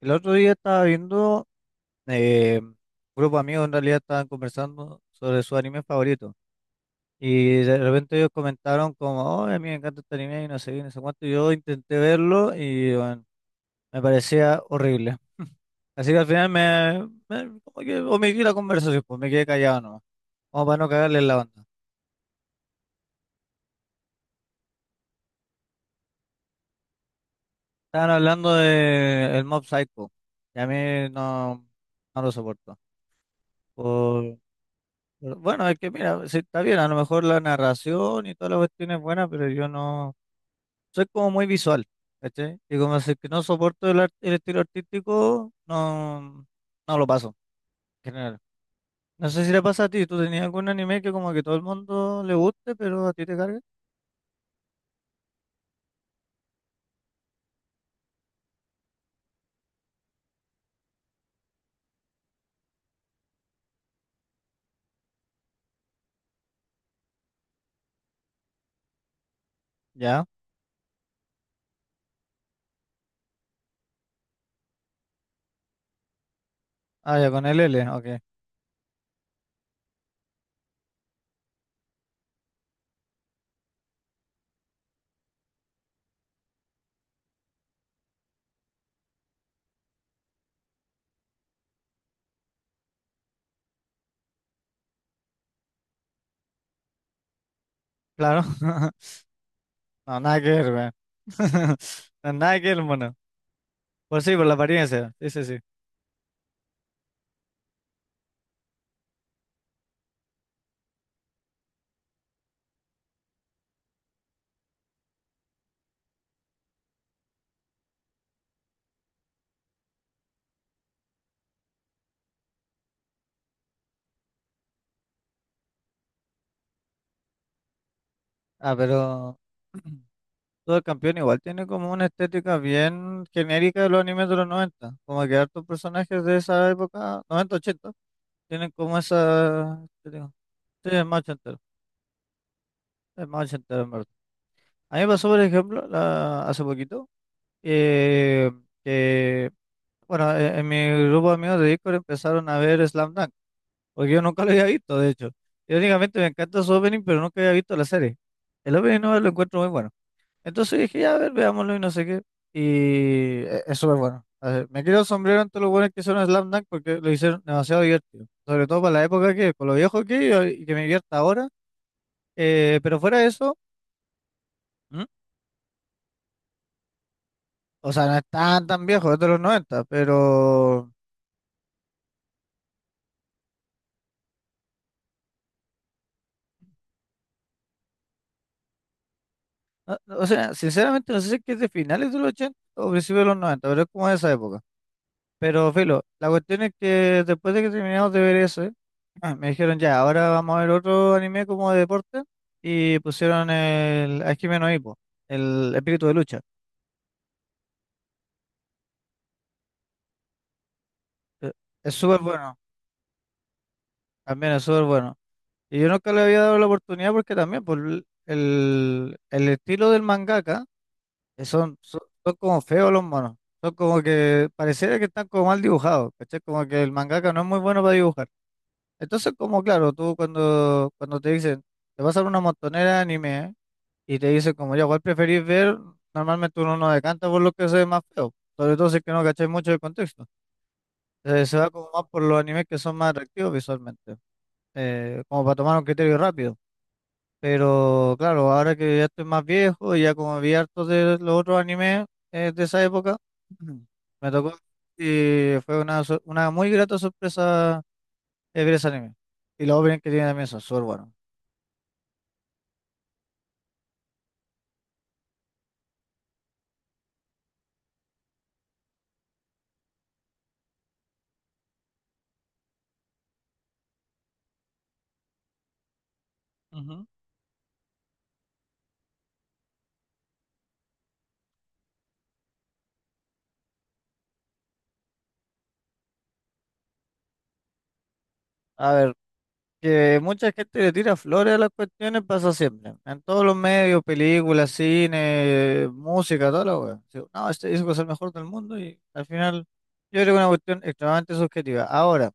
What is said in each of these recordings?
El otro día estaba viendo, un grupo de amigos en realidad estaban conversando sobre su anime favorito. Y de repente ellos comentaron como, oh, a mí me encanta este anime y no sé qué, no sé cuánto. Y yo intenté verlo y bueno, me parecía horrible. Así que al final como que omití la conversación, pues me quedé callado nomás, como para no cagarle en la banda. Estaban hablando de el Mob Psycho, y a mí no, no lo soporto. Pero bueno, es que mira, sí, está bien, a lo mejor la narración y toda la cuestión es buena, pero yo no soy como muy visual, ¿cachai? Y como así que no soporto el estilo artístico, no, no lo paso, en general. No sé si le pasa a ti, ¿tú tenías algún anime que como que todo el mundo le guste, pero a ti te cargue? Ya, ah, ya con el L, ok, claro. No, nada que ver, weón. No, nada que ver, mono. Pues sí, por la apariencia, sí, sí, sí. Ah, pero. Todo el campeón igual tiene como una estética bien genérica de los animes de los noventa, como que hartos personajes de esa época, noventa ochenta, tienen como esa estética. Sí, es más ochentero en verdad. A mí me pasó, por ejemplo, hace poquito, eh, que, bueno, en mi grupo de amigos de Discord empezaron a ver Slam Dunk, porque yo nunca lo había visto, de hecho. Yo únicamente me encanta su opening, pero nunca había visto la serie. El opening no lo encuentro muy bueno. Entonces dije, ya, a ver, veámoslo y no sé qué. Y es súper bueno. A ver, me quiero el sombrero ante los buenos que hicieron Slam Dunk porque lo hicieron demasiado divertido. Sobre todo para la época que, con lo viejo que y, que me divierta ahora. Pero fuera de eso, ¿mm? O sea, no es tan tan viejo, es de los 90, pero. No, o sea, sinceramente no sé si es que es de finales de los 80 o principios de los 90, pero es como de esa época. Pero, filo, la cuestión es que después de que terminamos de ver eso, ah, me dijeron ya, ahora vamos a ver otro anime como de deporte y pusieron el Hajime no Ippo, el espíritu de lucha. Eh, Es súper bueno, también es súper bueno. Y yo nunca le había dado la oportunidad porque también por el estilo del mangaka, que son como feos los monos, son como que pareciera que están como mal dibujados, ¿cachai? Como que el mangaka no es muy bueno para dibujar. Entonces, como claro, tú cuando te dicen, te vas a ver una montonera de anime y te dice como ya, ¿cuál preferís ver? Normalmente uno no decanta por lo que se ve más feo, sobre todo si es que no cacháis mucho el contexto. Se va como más por los animes que son más atractivos visualmente, como para tomar un criterio rápido. Pero claro, ahora que ya estoy más viejo y ya como vi hartos de los otros animes de esa época, me tocó y fue una muy grata sorpresa ver ese anime. Y los openings que tiene también son súper buenos. Ujú. A ver. Que mucha gente le tira flores a las cuestiones, pasa siempre. En todos los medios, películas, cine, música, toda la wea. Sí, no, este disco es el mejor del mundo y al final yo creo que es una cuestión extremadamente subjetiva. Ahora,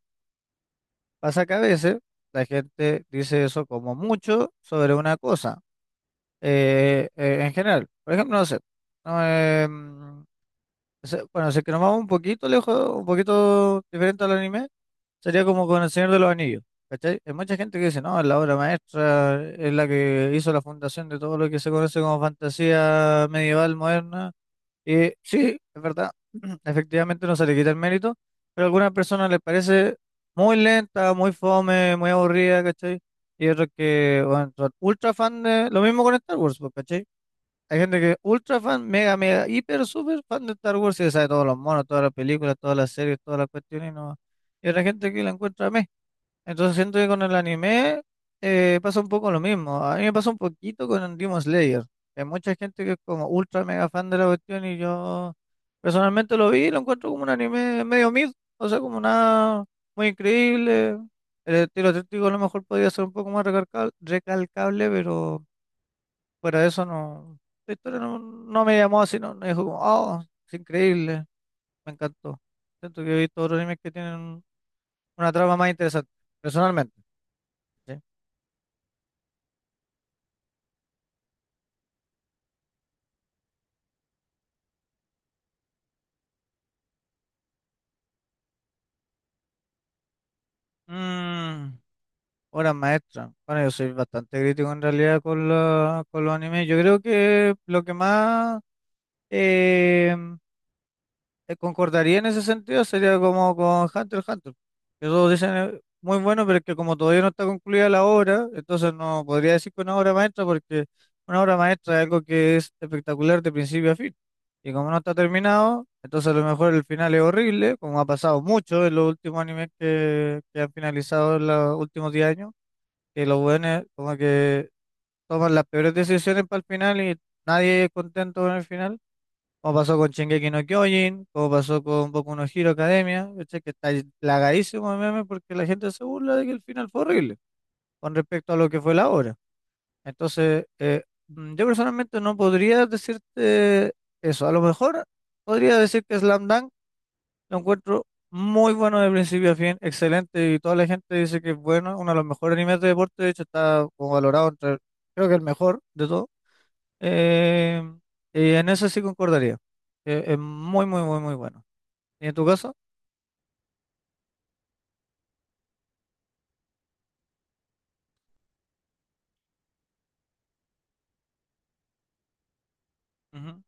pasa que a veces la gente dice eso como mucho sobre una cosa en general. Por ejemplo, no sé. No, em, o sea, bueno, si es que nos vamos un poquito lejos, un poquito diferente al anime. Sería como con El Señor de los Anillos, ¿cachai? Hay mucha gente que dice, no, es la obra maestra, es la que hizo la fundación de todo lo que se conoce como fantasía medieval moderna. Y sí, es verdad, efectivamente no se le quita el mérito, pero a algunas personas les parece muy lenta, muy fome, muy aburrida, ¿cachai? Y otros que, bueno, son ultra fan de. Lo mismo con Star Wars, pues, ¿cachai? Hay gente que es ultra fan, mega, mega, hiper, super fan de Star Wars y se sabe todos los monos, todas las películas, todas las series, todas las cuestiones y no. Y otra gente que la encuentra, entonces siento que con el anime pasa un poco lo mismo. A mí me pasa un poquito con Demon Slayer. Hay mucha gente que es como ultra mega fan de la cuestión y yo personalmente lo vi y lo encuentro como un anime medio mid. O sea, como nada muy increíble. El estilo artístico a lo mejor podría ser un poco más recalcable, pero fuera de eso no. La historia no, no me llamó así, no, no dijo como, oh, es increíble, me encantó. Siento que he visto otros animes que tienen una trama más interesante, personalmente. Sí. Mm, obras maestras. Bueno, yo soy bastante crítico en realidad con los animes. Yo creo que lo que más eh, concordaría en ese sentido sería como con Hunter x Hunter. Que todos dicen muy bueno, pero es que como todavía no está concluida la obra, entonces no podría decir que una obra maestra, porque una obra maestra es algo que es espectacular de principio a fin. Y como no está terminado, entonces a lo mejor el final es horrible, como ha pasado mucho en los últimos animes que han finalizado en los últimos 10 años, que los buenos como que toman las peores decisiones para el final y nadie es contento con el final. Como pasó con Shingeki no Kyojin, como pasó con Boku no Hero Academia, ¿cachai? Que está plagadísimo de memes porque la gente se burla de que el final fue horrible con respecto a lo que fue la obra. Entonces, yo personalmente no podría decirte eso. A lo mejor podría decir que Slam Dunk lo encuentro muy bueno de principio a fin, excelente, y toda la gente dice que es bueno, uno de los mejores animes de deporte, de hecho está como valorado entre, creo que el mejor de todo. Eh, y en eso sí concordaría, que es muy, muy, muy, muy bueno. ¿Y en tu caso? Ujú.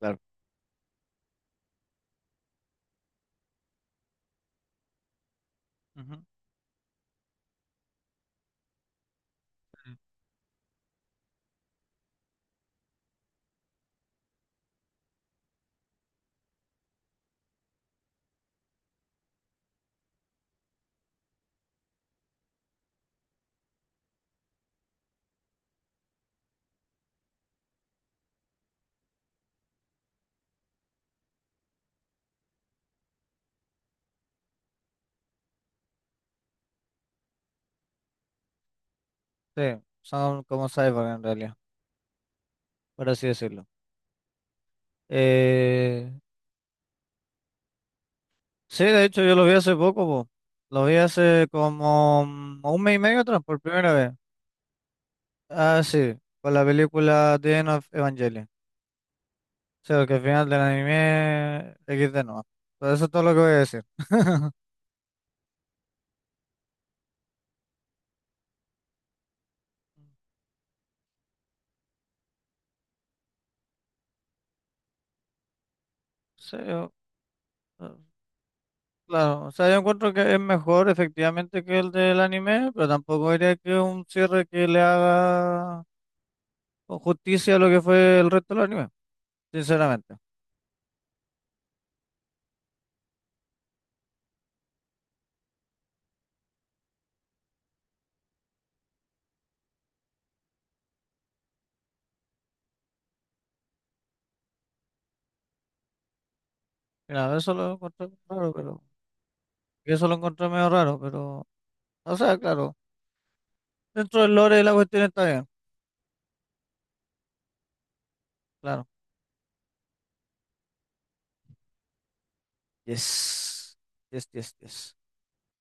Claro. Ujú. Sí, son como cyborg en realidad, por así decirlo. Eh, sí, de hecho yo lo vi hace poco, po. Lo vi hace como un mes y medio atrás, por primera vez. Ah, sí, con la película The End of Evangelion. Sí, porque al final del anime XD no. Pero eso es todo lo que voy a decir. Sí, eh, claro. O sea, yo encuentro que es mejor efectivamente que el del anime, pero tampoco diría que es un cierre que le haga con justicia a lo que fue el resto del anime, sinceramente. Mira, eso lo encontré raro, pero eso lo encontré medio raro, pero, o sea, claro, dentro del lore de la cuestión está bien, claro. Yes. Yes, yes, yes.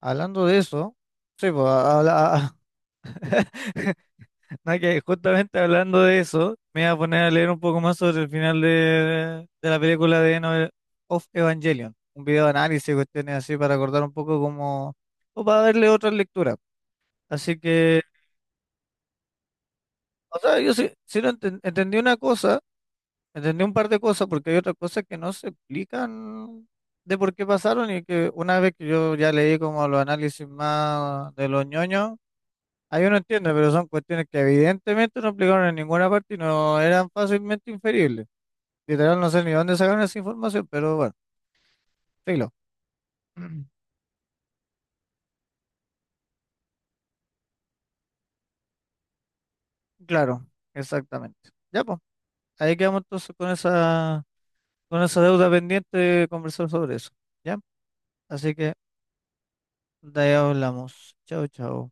Hablando de eso, sí, pues, No, que justamente hablando de eso, me voy a poner a leer un poco más sobre el final de la película de End of Evangelion. Un video de análisis, cuestiones así, para acordar un poco como, o para darle otra lectura. Así que, o sea, yo sí, entendí una cosa, entendí un par de cosas, porque hay otras cosas que no se explican de por qué pasaron y que una vez que yo ya leí como los análisis más de los ñoños, ah, yo no entiendo, pero son cuestiones que evidentemente no aplicaron en ninguna parte y no eran fácilmente inferibles. Literal, no sé ni dónde sacaron esa información, pero bueno, filo. Claro, exactamente. Ya, pues, ahí quedamos entonces con esa deuda pendiente de conversar sobre eso. ¿Ya? Así que de ahí hablamos. Chao, chao.